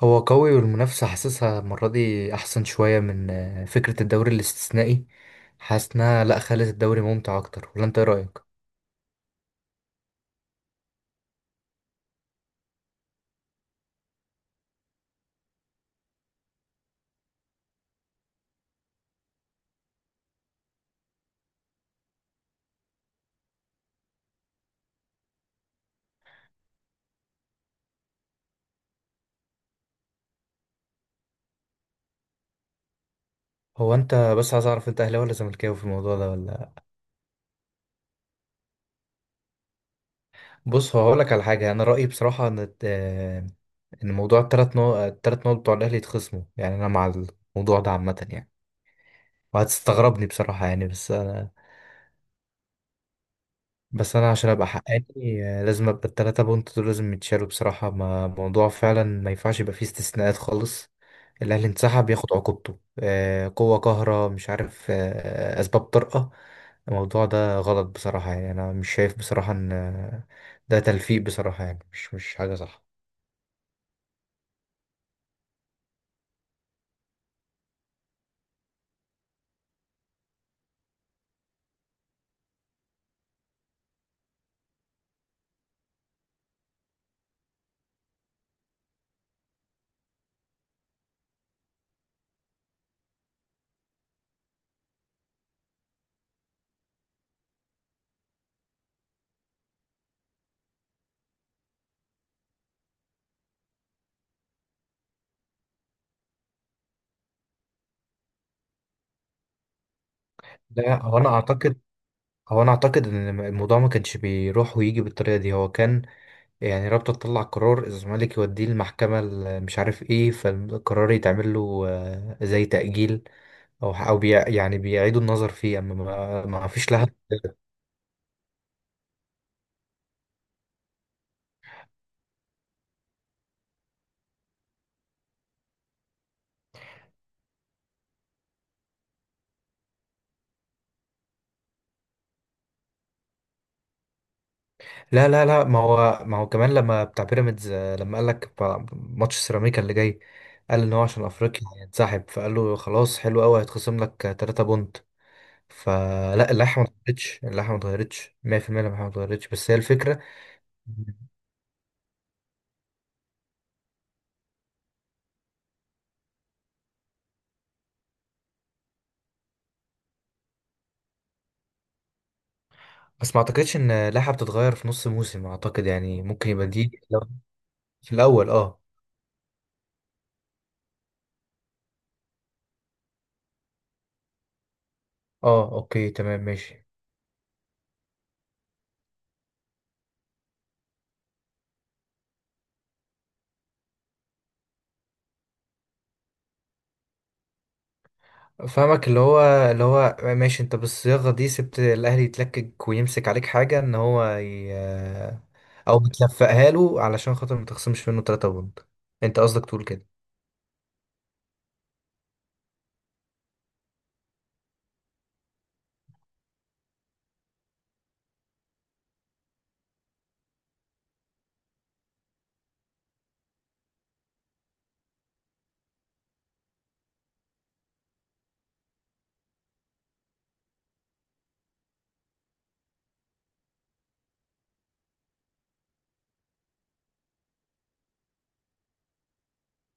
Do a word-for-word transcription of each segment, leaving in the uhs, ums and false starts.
هو قوي والمنافسة حاسسها المرة دي أحسن شوية من آه، فكرة الدوري الاستثنائي. حاسس إنها لأ، خلت الدوري ممتع أكتر، ولا أنت إيه رأيك؟ هو أنت بس عايز أعرف، أنت أهلاوي ولا زملكاوي في الموضوع ده ولا... بص، هو هقولك على حاجة. أنا رأيي بصراحة إن الت- آه، إن موضوع التلات نقط، التلات نقط بتوع الأهلي يتخصموا، يعني أنا مع الموضوع ده عامة يعني. وهتستغربني بصراحة يعني، بس. بس انا عشان ابقى حقاني، آه، لازم ابقى التلاتة بونت دول لازم يتشالوا بصراحة. ما موضوع فعلا ما ينفعش يبقى فيه استثناءات خالص. الاهلي انسحب ياخد عقوبته، آه، قوة قاهرة، مش عارف، آه، اسباب طارئة. الموضوع ده غلط بصراحة يعني. انا مش شايف بصراحة ان آه، ده تلفيق بصراحة يعني، مش مش حاجة صح. لا، هو انا اعتقد، هو انا اعتقد ان الم- الموضوع ما كانش بيروح ويجي بالطريقة دي. هو كان يعني رابطة تطلع قرار، الزمالك يوديه المحكمة ال- مش عارف ايه، فالقرار يتعمل له آه، زي تأجيل، او او بي، يعني بيعيدوا النظر فيه، اما ما ما فيش لها. لا لا لا، ما هو ما هو كمان لما بتاع بيراميدز، آه، لما قال لك بتاع ماتش سيراميكا اللي جاي، قال ان هو عشان افريقيا هينسحب، فقال له خلاص حلو قوي، هيتخصم لك 3 بونت. فلا، اللائحة ما اتغيرتش، اللائحة ما اتغيرتش مية في المية، اللائحة ما اتغيرتش، بس هي الفكرة. بس ما اعتقدش ان لائحة بتتغير في نص موسم، اعتقد يعني ممكن يبقى دي لو في الاول، اه. اه اوكي، تمام ماشي. فاهمك، اللي هو، اللي هو ماشي، انت بالصياغة دي سبت الاهلي يتلكك ويمسك عليك حاجة ان هو ي... او بتلفقها له علشان خاطر ما تخصمش منه 3 بوند. انت قصدك تقول كده.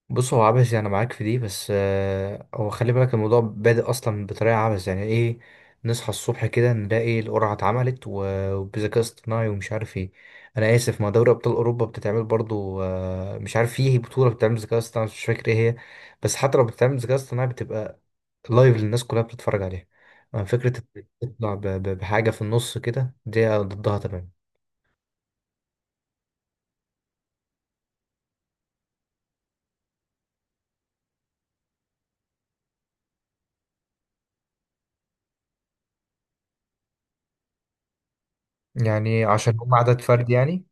بص، هو عبثي، انا معاك في دي، بس آه، هو خلي بالك، الموضوع بادئ اصلا بطريقه عبث، يعني ايه؟ نصحى الصبح كده نلاقي القرعه اتعملت و- وبذكاء اصطناعي ومش عارف ايه. انا اسف، ما دوري ابطال اوروبا بتتعمل برضو، آه، مش عارف فيه بطوله بتتعمل بذكاء اصطناعي، مش فاكر ايه هي. بس حتى لو بتتعمل بذكاء اصطناعي بتبقى لايف للناس كلها بتتفرج عليها. أما فكره إنك تطلع ب- ب- بحاجه في النص كده، دي ضدها تمام. يعني عشان هم عدد فرد يعني.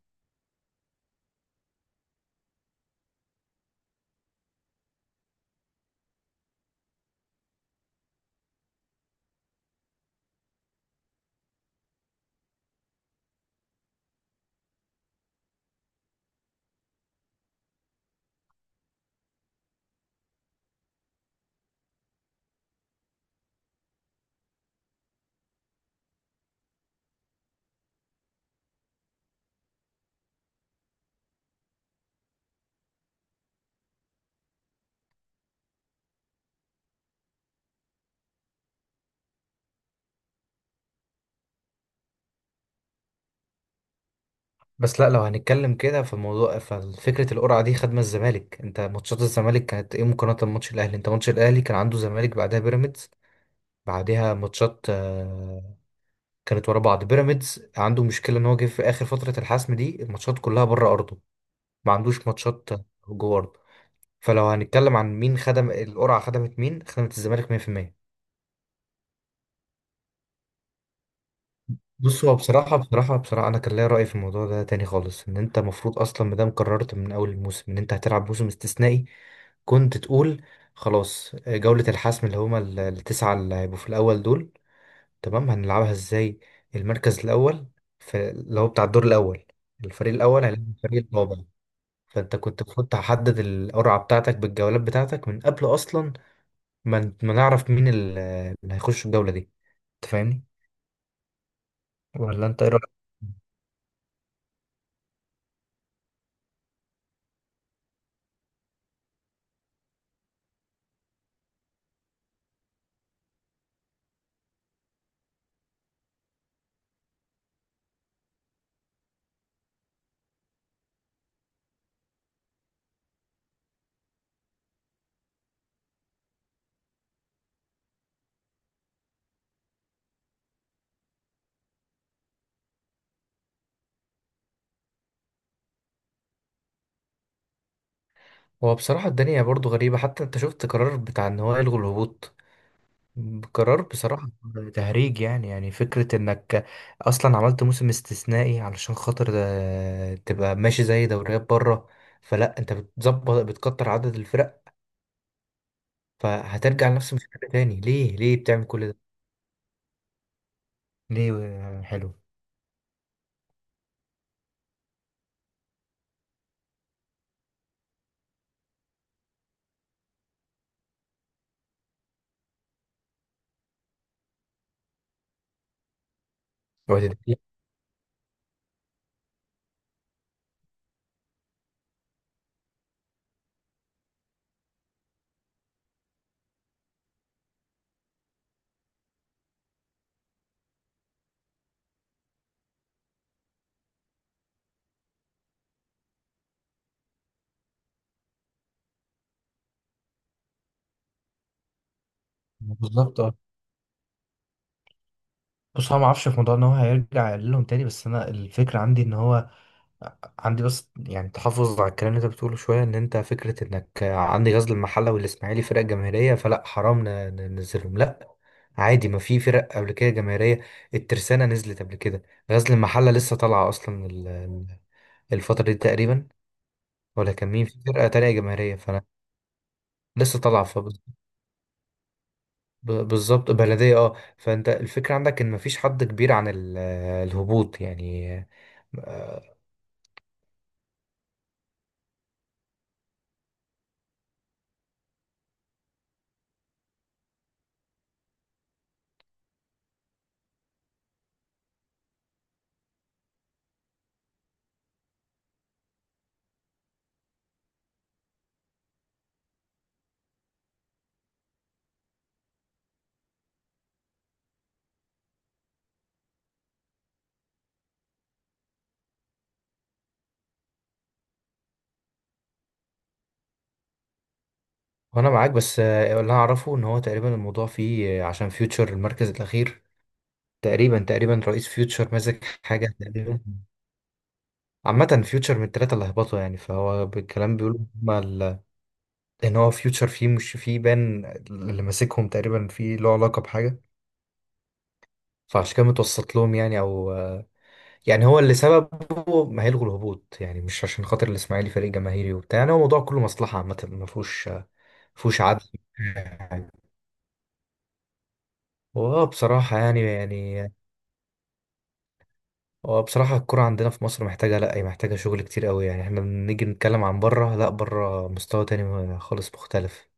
بس لا، لو هنتكلم كده فالموضوع ففكرة القرعة دي خدمة الزمالك. انت ماتشات الزمالك كانت ايه مقارنة بماتش الاهلي؟ انت ماتش الاهلي كان عنده زمالك بعدها بيراميدز بعدها ماتشات، آه، كانت ورا بعض. بيراميدز عنده مشكلة ان هو جه في اخر فترة الحسم دي، الماتشات كلها بره ارضه، ما عندوش ماتشات جوه ارضه. فلو هنتكلم عن مين خدم القرعة، خدمت مين؟ خدمت الزمالك مية في المية. بص، هو بصراحة بصراحة بصراحة أنا كان ليا رأي في الموضوع ده تاني خالص. إن أنت المفروض أصلا، مادام قررت من أول الموسم إن أنت هتلعب موسم استثنائي، كنت تقول خلاص، جولة الحسم اللي هما ال- التسعة اللي هيبقوا في الأول دول، تمام، هنلعبها إزاي؟ المركز الأول في اللي هو بتاع الدور الأول، الفريق الأول هيلعب الفريق الرابع. فأنت كنت المفروض تحدد القرعة بتاعتك بالجولات بتاعتك من قبل أصلا، ما ما نعرف مين ال- اللي هيخش الجولة دي. أنت فاهمني ولا أنت إيه رأيك؟ هو بصراحة الدنيا برضو غريبة. حتى انت شفت قرار بتاع ان هو يلغوا الهبوط، قرار بصراحة تهريج يعني. يعني فكرة انك اصلا عملت موسم استثنائي علشان خاطر، آه، تبقى ماشي زي دوريات بره، فلا انت بتظبط بتكتر عدد الفرق، فهترجع لنفس المشكلة تاني. ليه؟ ليه بتعمل كل ده؟ ليه؟ آه، حلو. وهتت- بالظبط اه. بص، هو ما اعرفش في موضوع ان هو هيرجع يقللهم تاني، بس انا الفكره عندي ان هو عندي، بس يعني تحفظ على الكلام اللي انت بتقوله شويه. ان انت فكره انك عندي غزل المحله والاسماعيلي فرق جماهيريه فلا حرام ن- ننزلهم، لا، عادي. ما في فرق قبل كده جماهيريه، الترسانه نزلت قبل كده. غزل المحله لسه طالعه اصلا ال- ال- الفتره دي تقريبا. ولا كان مين في فرقه تانية جماهيريه؟ فانا لسه طالعه فبز- ب- بالظبط. بلديه اه. فانت الفكره عندك ان ما فيش حد كبير عن ال- الهبوط يعني. وانا معاك، بس آه، اللي اعرفه ان هو تقريبا الموضوع فيه، آه، عشان فيوتشر المركز الاخير، تقريبا تقريبا، رئيس فيوتشر ماسك حاجه تقريبا. عامه، فيوتشر من الثلاثه اللي هبطوا يعني. فهو بالكلام بيقولوا هما ال- ان هو فيوتشر فيه، مش فيه بان اللي ماسكهم تقريبا فيه له علاقه بحاجه. فعشان كده متوسط لهم يعني، او آه، يعني هو اللي سببه ما هيلغوا الهبوط يعني، مش عشان خاطر الاسماعيلي فريق جماهيري وبتاع. يعني هو الموضوع كله مصلحه عامه، ما فيهوش ما فيهوش عدل. واه بصراحة، يعني يعني. هو بصراحة الكرة عندنا في مصر محتاجة، لأ هي محتاجة شغل كتير قوي يعني. احنا بنيجي نتكلم عن بره، لأ بره مستوى تاني خالص مختلف.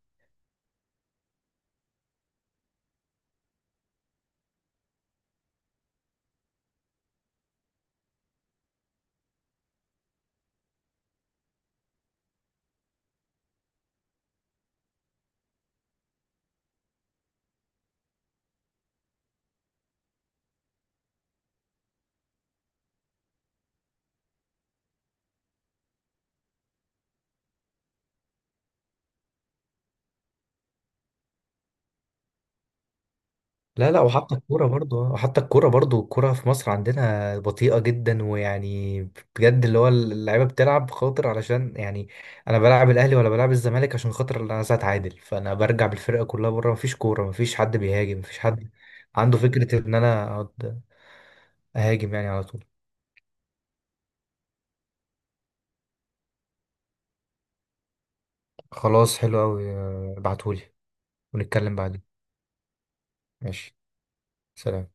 لا لا، وحتى الكورة برضو وحتى الكورة برضو الكورة في مصر عندنا بطيئة جدا ويعني، بجد اللي هو اللعيبة بتلعب خاطر علشان، يعني أنا بلعب الأهلي ولا بلعب الزمالك عشان خاطر إن أنا عايز أتعادل، فأنا برجع بالفرقة كلها بره. مفيش كورة، مفيش حد بيهاجم، مفيش حد عنده فكرة إن أنا أقعد أهاجم يعني على طول. خلاص حلو أوي، ابعتهولي ونتكلم بعدين. ماشي، سلام.